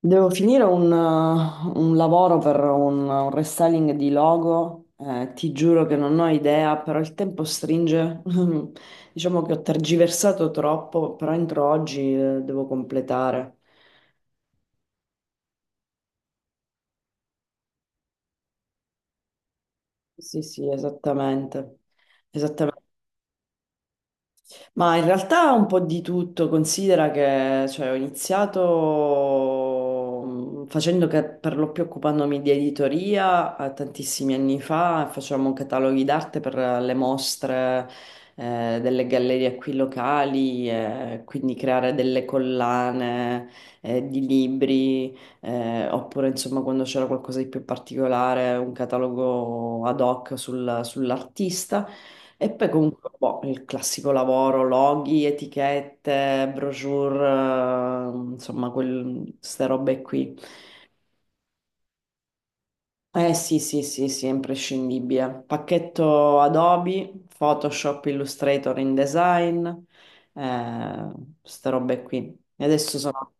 Devo finire un lavoro per un restyling di logo, ti giuro che non ho idea, però il tempo stringe. Diciamo che ho tergiversato troppo, però entro oggi, devo completare. Sì, sì, esattamente. Esattamente. Ma in realtà un po' di tutto, considera che cioè, ho iniziato facendo che per lo più occupandomi di editoria, tantissimi anni fa, facevamo cataloghi d'arte per, le mostre, delle gallerie qui locali, quindi creare delle collane, di libri, oppure insomma quando c'era qualcosa di più particolare, un catalogo ad hoc sull'artista. E poi comunque boh, il classico lavoro, loghi, etichette, brochure, insomma, ste robe qui. Eh sì, sì, sì, sì, è imprescindibile. Pacchetto Adobe, Photoshop, Illustrator, InDesign, eh, ste robe qui. E adesso sono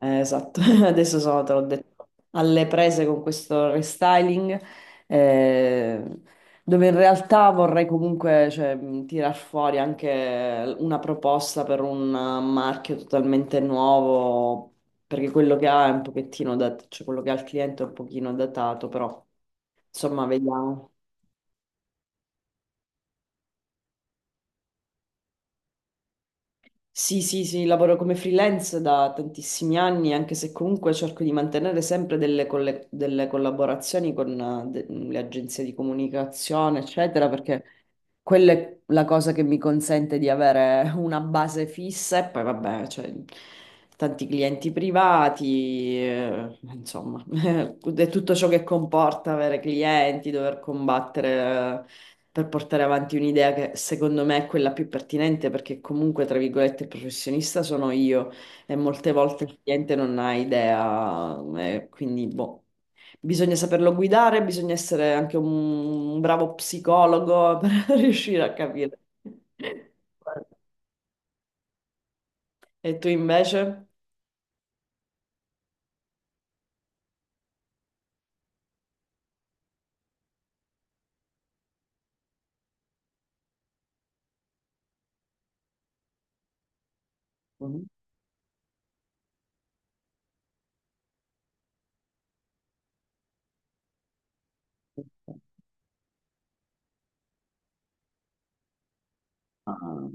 Esatto. Adesso sono, te l'ho detto, alle prese con questo restyling, eh, dove in realtà vorrei comunque, cioè, tirar fuori anche una proposta per un, marchio totalmente nuovo, perché quello che ha è un pochettino cioè quello che ha il cliente è un pochino datato, però insomma, vediamo. Sì, sì, sì, lavoro come freelance da tantissimi anni, anche se comunque cerco di mantenere sempre delle collaborazioni con, le agenzie di comunicazione, eccetera, perché quella è la cosa che mi consente di avere una base fissa e poi vabbè, cioè, tanti clienti privati, insomma, è tutto ciò che comporta avere clienti, dover combattere, per portare avanti un'idea che secondo me è quella più pertinente perché comunque, tra virgolette, il professionista sono io e molte volte il cliente non ha idea, e quindi boh. Bisogna saperlo guidare, bisogna essere anche un bravo psicologo per riuscire a capire. E tu invece? Mhm. Ah.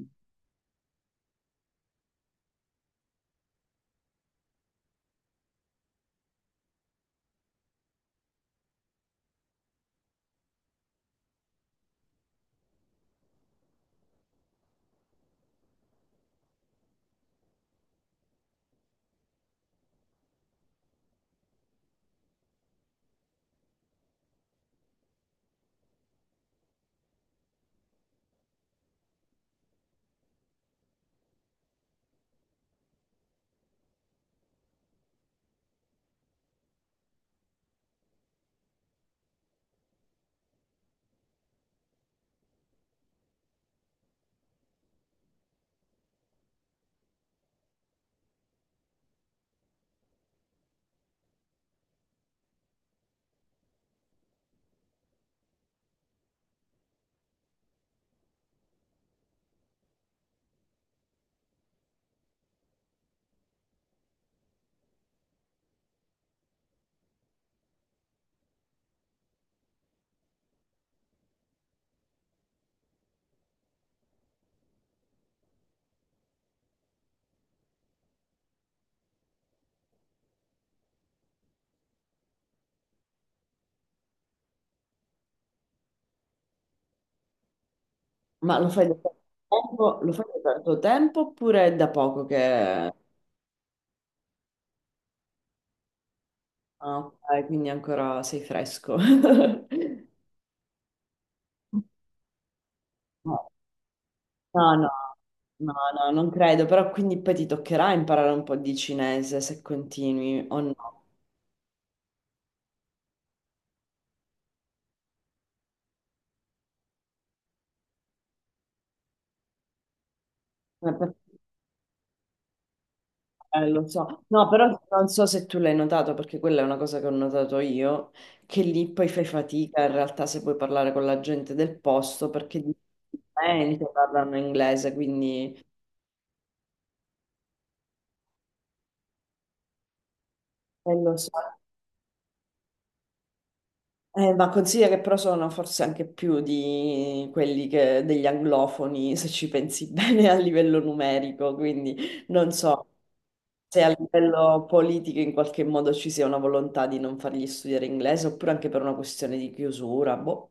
Ma lo fai da tanto tempo, lo fai da tanto tempo oppure è da poco che... Ah, ok, quindi ancora sei fresco. No. No, no, no, no, non credo, però quindi poi ti toccherà imparare un po' di cinese se continui o no. Lo so, no, però non so se tu l'hai notato, perché quella è una cosa che ho notato io, che lì poi fai fatica in realtà se puoi parlare con la gente del posto, perché difficilmente parlano inglese, quindi, lo so. Ma consiglia che però sono forse anche più di degli anglofoni, se ci pensi bene a livello numerico, quindi non so se a livello politico in qualche modo ci sia una volontà di non fargli studiare inglese oppure anche per una questione di chiusura, boh,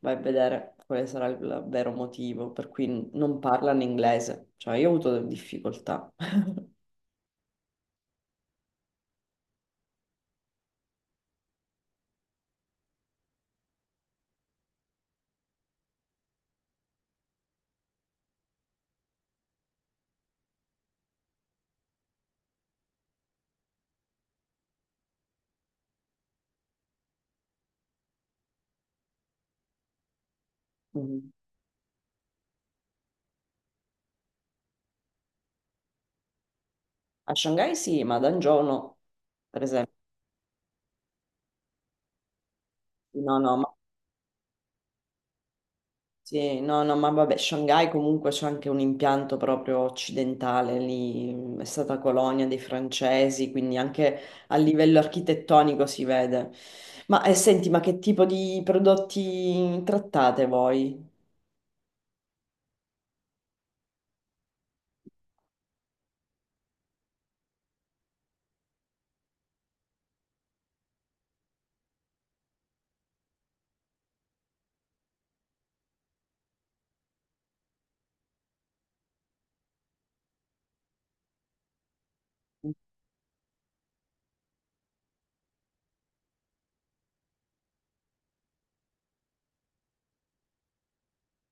vai a vedere quale sarà il vero motivo per cui non parlano inglese. Cioè, io ho avuto difficoltà. Mhm. A Shanghai sì, ma a Dangiò no, per esempio. No, no, ma Sì, no, no, ma vabbè, Shanghai comunque c'è anche un impianto proprio occidentale, lì è stata colonia dei francesi, quindi anche a livello architettonico si vede. Ma, senti, ma che tipo di prodotti trattate voi?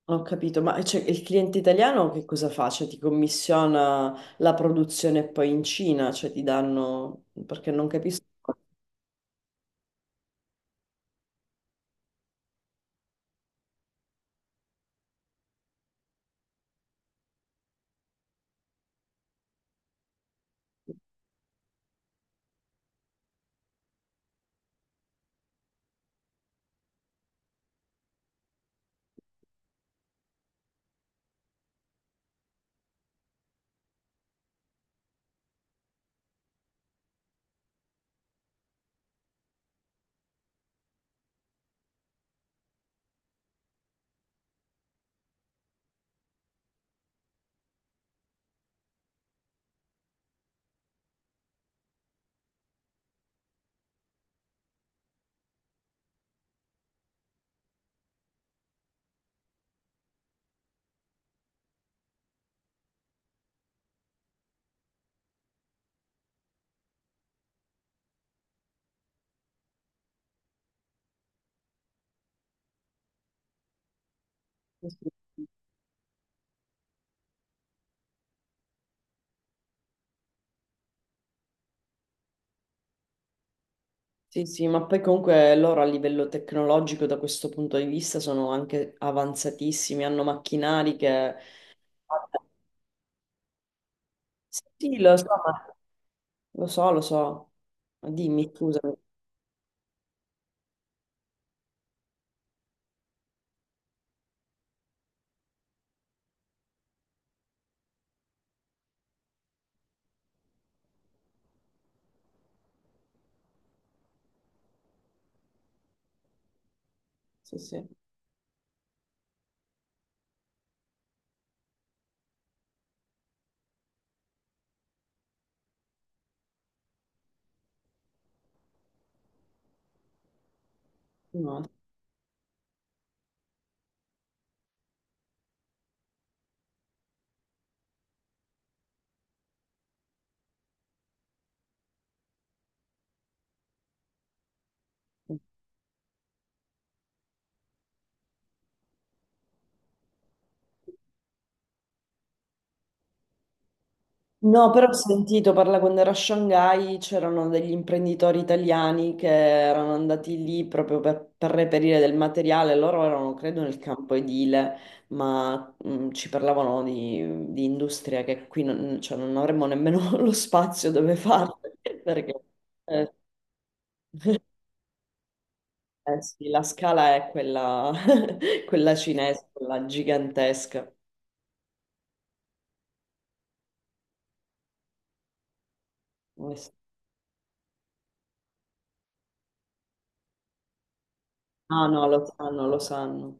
Non ho capito, ma, cioè, il cliente italiano che cosa fa? Cioè ti commissiona la produzione poi in Cina, cioè ti danno... perché non capisco. Sì, sì, ma poi comunque loro a livello tecnologico da questo punto di vista sono anche avanzatissimi, hanno macchinari che... Sì, sì, lo so, lo so, lo so. Dimmi, scusami. Sì, sì. No. Sì. No, però ho sentito parlare quando ero a Shanghai, c'erano degli imprenditori italiani che erano andati lì proprio per reperire del materiale, loro erano credo nel campo edile, ma ci parlavano di industria che qui non, cioè, non avremmo nemmeno lo spazio dove farlo, perché, eh, eh sì, la scala è quella, quella cinese, quella gigantesca. Eh sì. Ah no, lo sanno, lo sanno.